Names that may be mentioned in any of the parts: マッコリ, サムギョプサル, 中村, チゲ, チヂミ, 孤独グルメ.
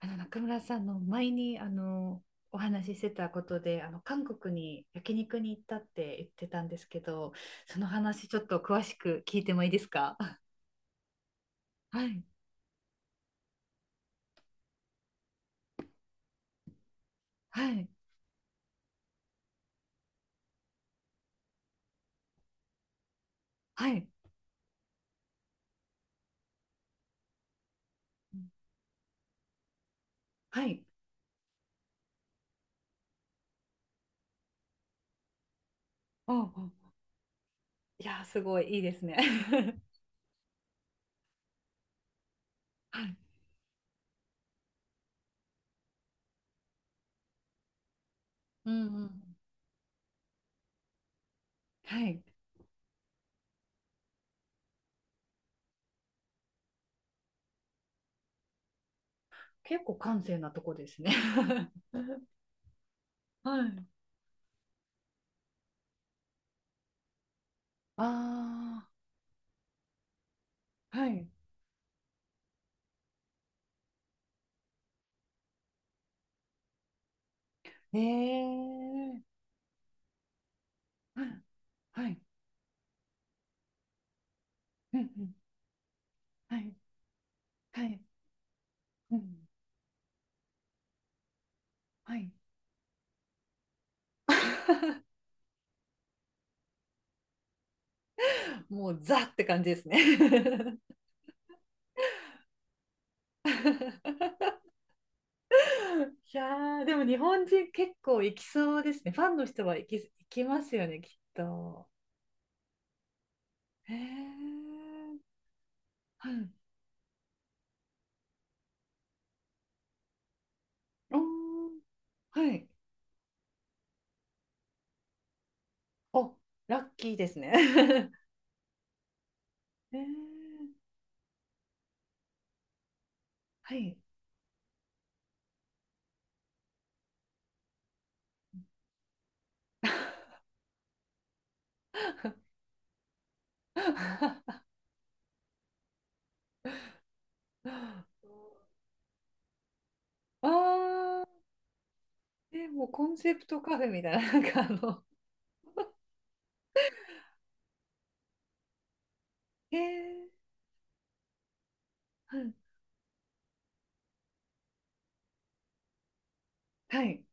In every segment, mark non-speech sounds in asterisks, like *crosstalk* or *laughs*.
中村さんの前にお話ししてたことで韓国に焼肉に行ったって言ってたんですけど、その話ちょっと詳しく聞いてもいいですかあ。 *laughs* はい。はい。はい。はい。おうおう。いやーすごいいいですね。 *laughs* はい。うんうん。はい。結構閑静なとこですね。 *laughs* はい。ああ、ーはい。ええー。はい。はい。うんうん。はい。はい。うん。はい。もうザって感じですね。 *laughs*。いやでも日本人結構行きそうですね。ファンの人は行きますよね、きっと。へえ。はい。おー、はい。お、ラッキーですね。*laughs* へえ。はい。*laughs* ああ、え、もうコンセプトカフェみたいな、なんかえー、はい、はい、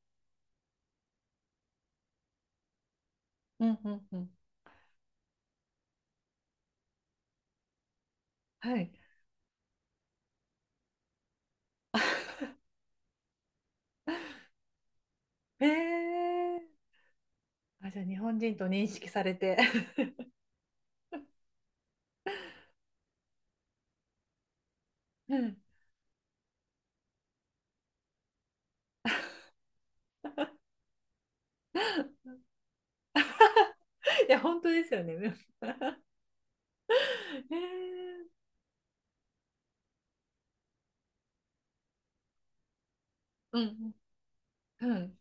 うん、うん、うん、はい、えー、あ、じゃあ日本人と認識されて。*laughs* うん。*laughs* いや、本当ですよね。*laughs* うんえー、うん。うん。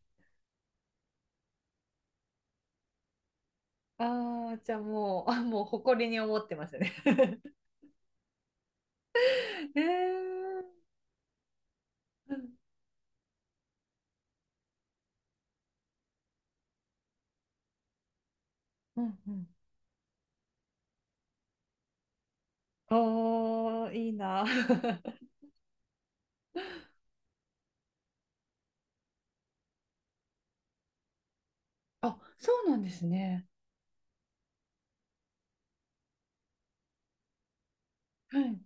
ああ、じゃあもう、あ、もう誇りに思ってますね。*laughs* えー、うん。うんうん。おー、いいな。*laughs* あ、そうなんですね。はい。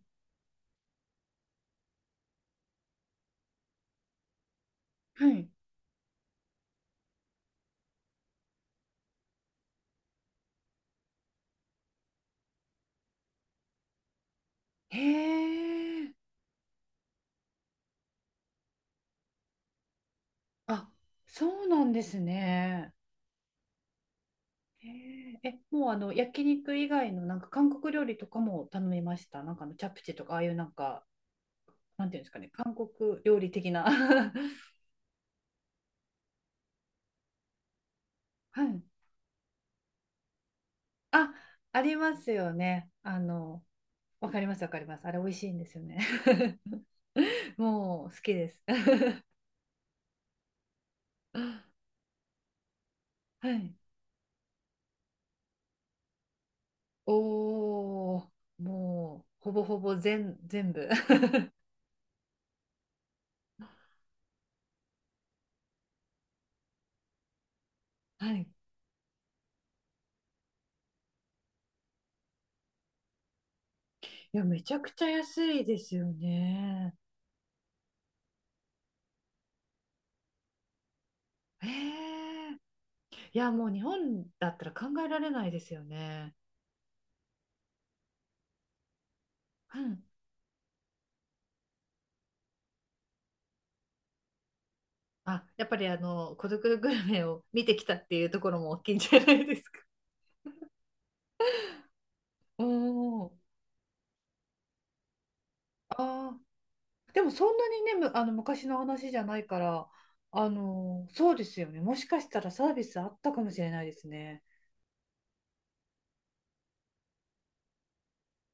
はい。へえ。あ、そうなんですね。へえ。え、もうあの、焼肉以外のなんか韓国料理とかも頼みました。なんかあの、チャプチェとか、ああいうなんか、なんていうんですかね、韓国料理的な。*laughs* はい。あ、ありますよね。あの、わかります、わかります。あれ美味しいんですよね。*laughs* もう好きです。*laughs* はい。おー、もうほぼほぼ全部。*laughs* はい。いや、めちゃくちゃ安いですよね。ええ、いや、もう日本だったら考えられないですよね。うん。あ、やっぱりあの、孤独グルメを見てきたっていうところも大きいんじゃないですか。おー、あー、でもそんなにね、む、あの昔の話じゃないから、あのー、そうですよね。もしかしたらサービスあったかもしれないですね。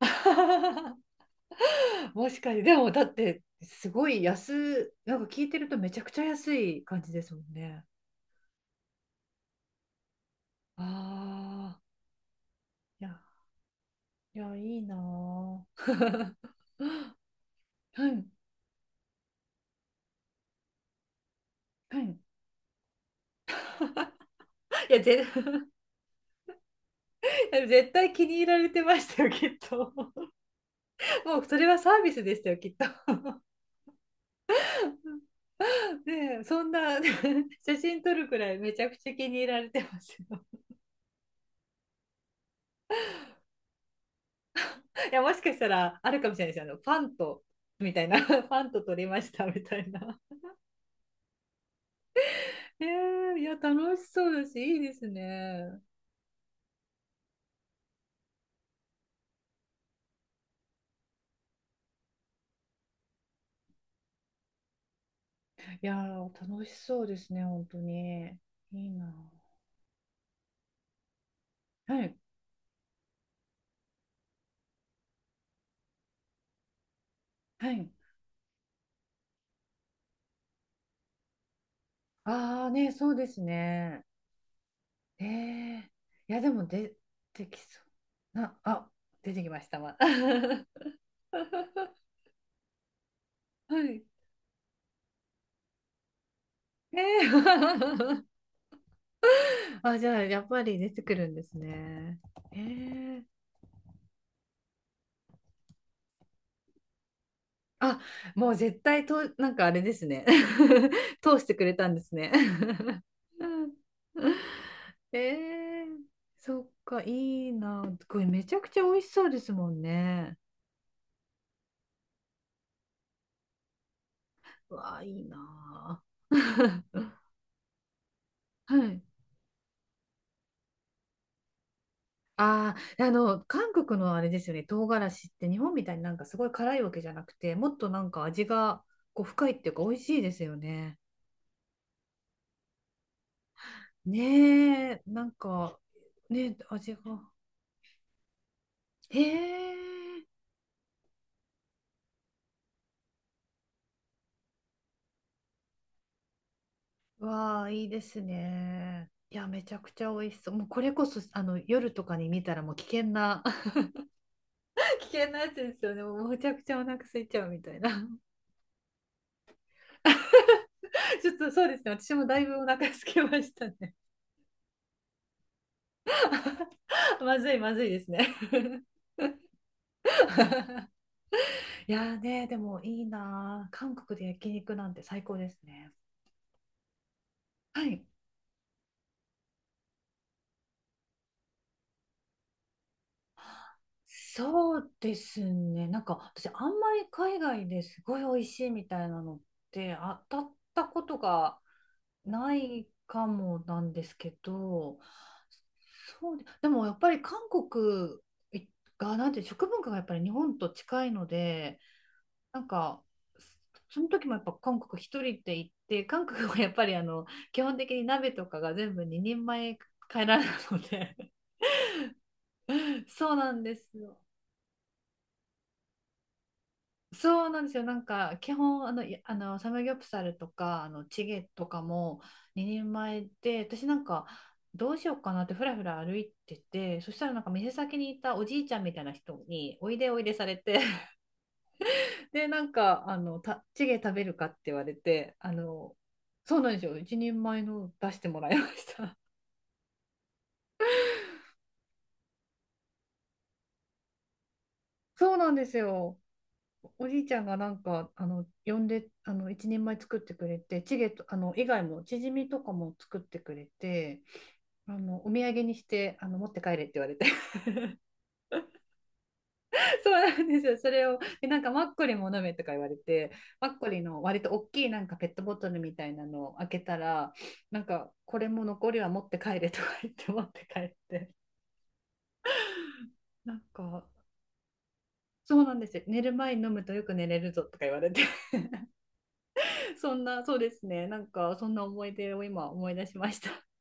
*laughs* もしかして、でもだって、すごい安、なんか聞いてるとめちゃくちゃ安い感じですもんね。ああ、いや、いや、いいなぁ。*laughs* はい、はい。いや、ぜ、*laughs* 絶対気に入られてましたよ、きっと。*laughs* もうそれはサービスでしたよ、きっと。ねえ、そんな *laughs* 写真撮るくらいめちゃくちゃ気に入られてますよ。*laughs* いや、もしかしたらあるかもしれないですよ。あの、パンと、みたいな、*laughs* パンと撮りましたみたいな。*laughs* ねえー、いや、楽しそうだし、いいですね。いやー、楽しそうですね、本当に。いいな。はい、はい。ああ、ね、そうですね。ええ、いや、でも出てきそう。な、あ、出てきましたわ。*laughs* はい。ええ *laughs* あ、じゃあ、やっぱり出てくるんですね。えー、あ、もう絶対と、なんかあれですね。*laughs* 通してくれたんですね。*laughs* えー、そっか、いいな。これめちゃくちゃ美味しそうですもんね。うわあ、いいな。*laughs* はい。ああ、あの、韓国のあれですよね、唐辛子って日本みたいになんかすごい辛いわけじゃなくて、もっとなんか味がこう深いっていうか美味しいですよね。ねえ、なんか、ね、味が。へえ、わあ、いいですね。いや、めちゃくちゃ美味しそう。もうこれこそ、あの、夜とかに見たらもう危険な、*laughs* 危険なやつですよね。もうむちゃくちゃお腹空いちゃうみたいな。*laughs* ちょっとそうですね。私もだいぶお腹空きましたね。*laughs* まずい、まずいですね。*laughs* いやーね、でもいいなあ。韓国で焼肉なんて最高ですね。はい。そうですね。なんか私あんまり海外ですごい美味しいみたいなのって当たったことがないかもなんですけど、そうで、でもやっぱり韓国がなんて食文化がやっぱり日本と近いので、なんかその時もやっぱ韓国一人で行って、韓国はやっぱりあの基本的に鍋とかが全部2人前帰らないので、*laughs* そうなんですよ。そうなんですよ。なんか、基本、あの、い、あの、サムギョプサルとか、あの、チゲとかも2人前で、私なんか、どうしようかなってふらふら歩いてて、そしたらなんか店先にいたおじいちゃんみたいな人に、おいでおいでされて、*laughs* で、なんか、あの、た、チゲ食べるかって言われて、あの、そうなんですよ。一人前の出してもらいました。*laughs* そうなんですよ。おじいちゃんがなんかあの呼んであの一人前作ってくれてチゲとあの以外もチヂミとかも作ってくれて、あのお土産にしてあの持って帰れって言われて *laughs* そうなんですよ。それをでなんかマッコリも飲めとか言われて、マッコリの割と大きいなんかペットボトルみたいなのを開けたらなんかこれも残りは持って帰れとか言って *laughs* 持って帰って、なんかそうなんですよ、寝る前に飲むとよく寝れるぞとか言われて *laughs* そんな、そうですね、なんかそんな思い出を今思い出しました。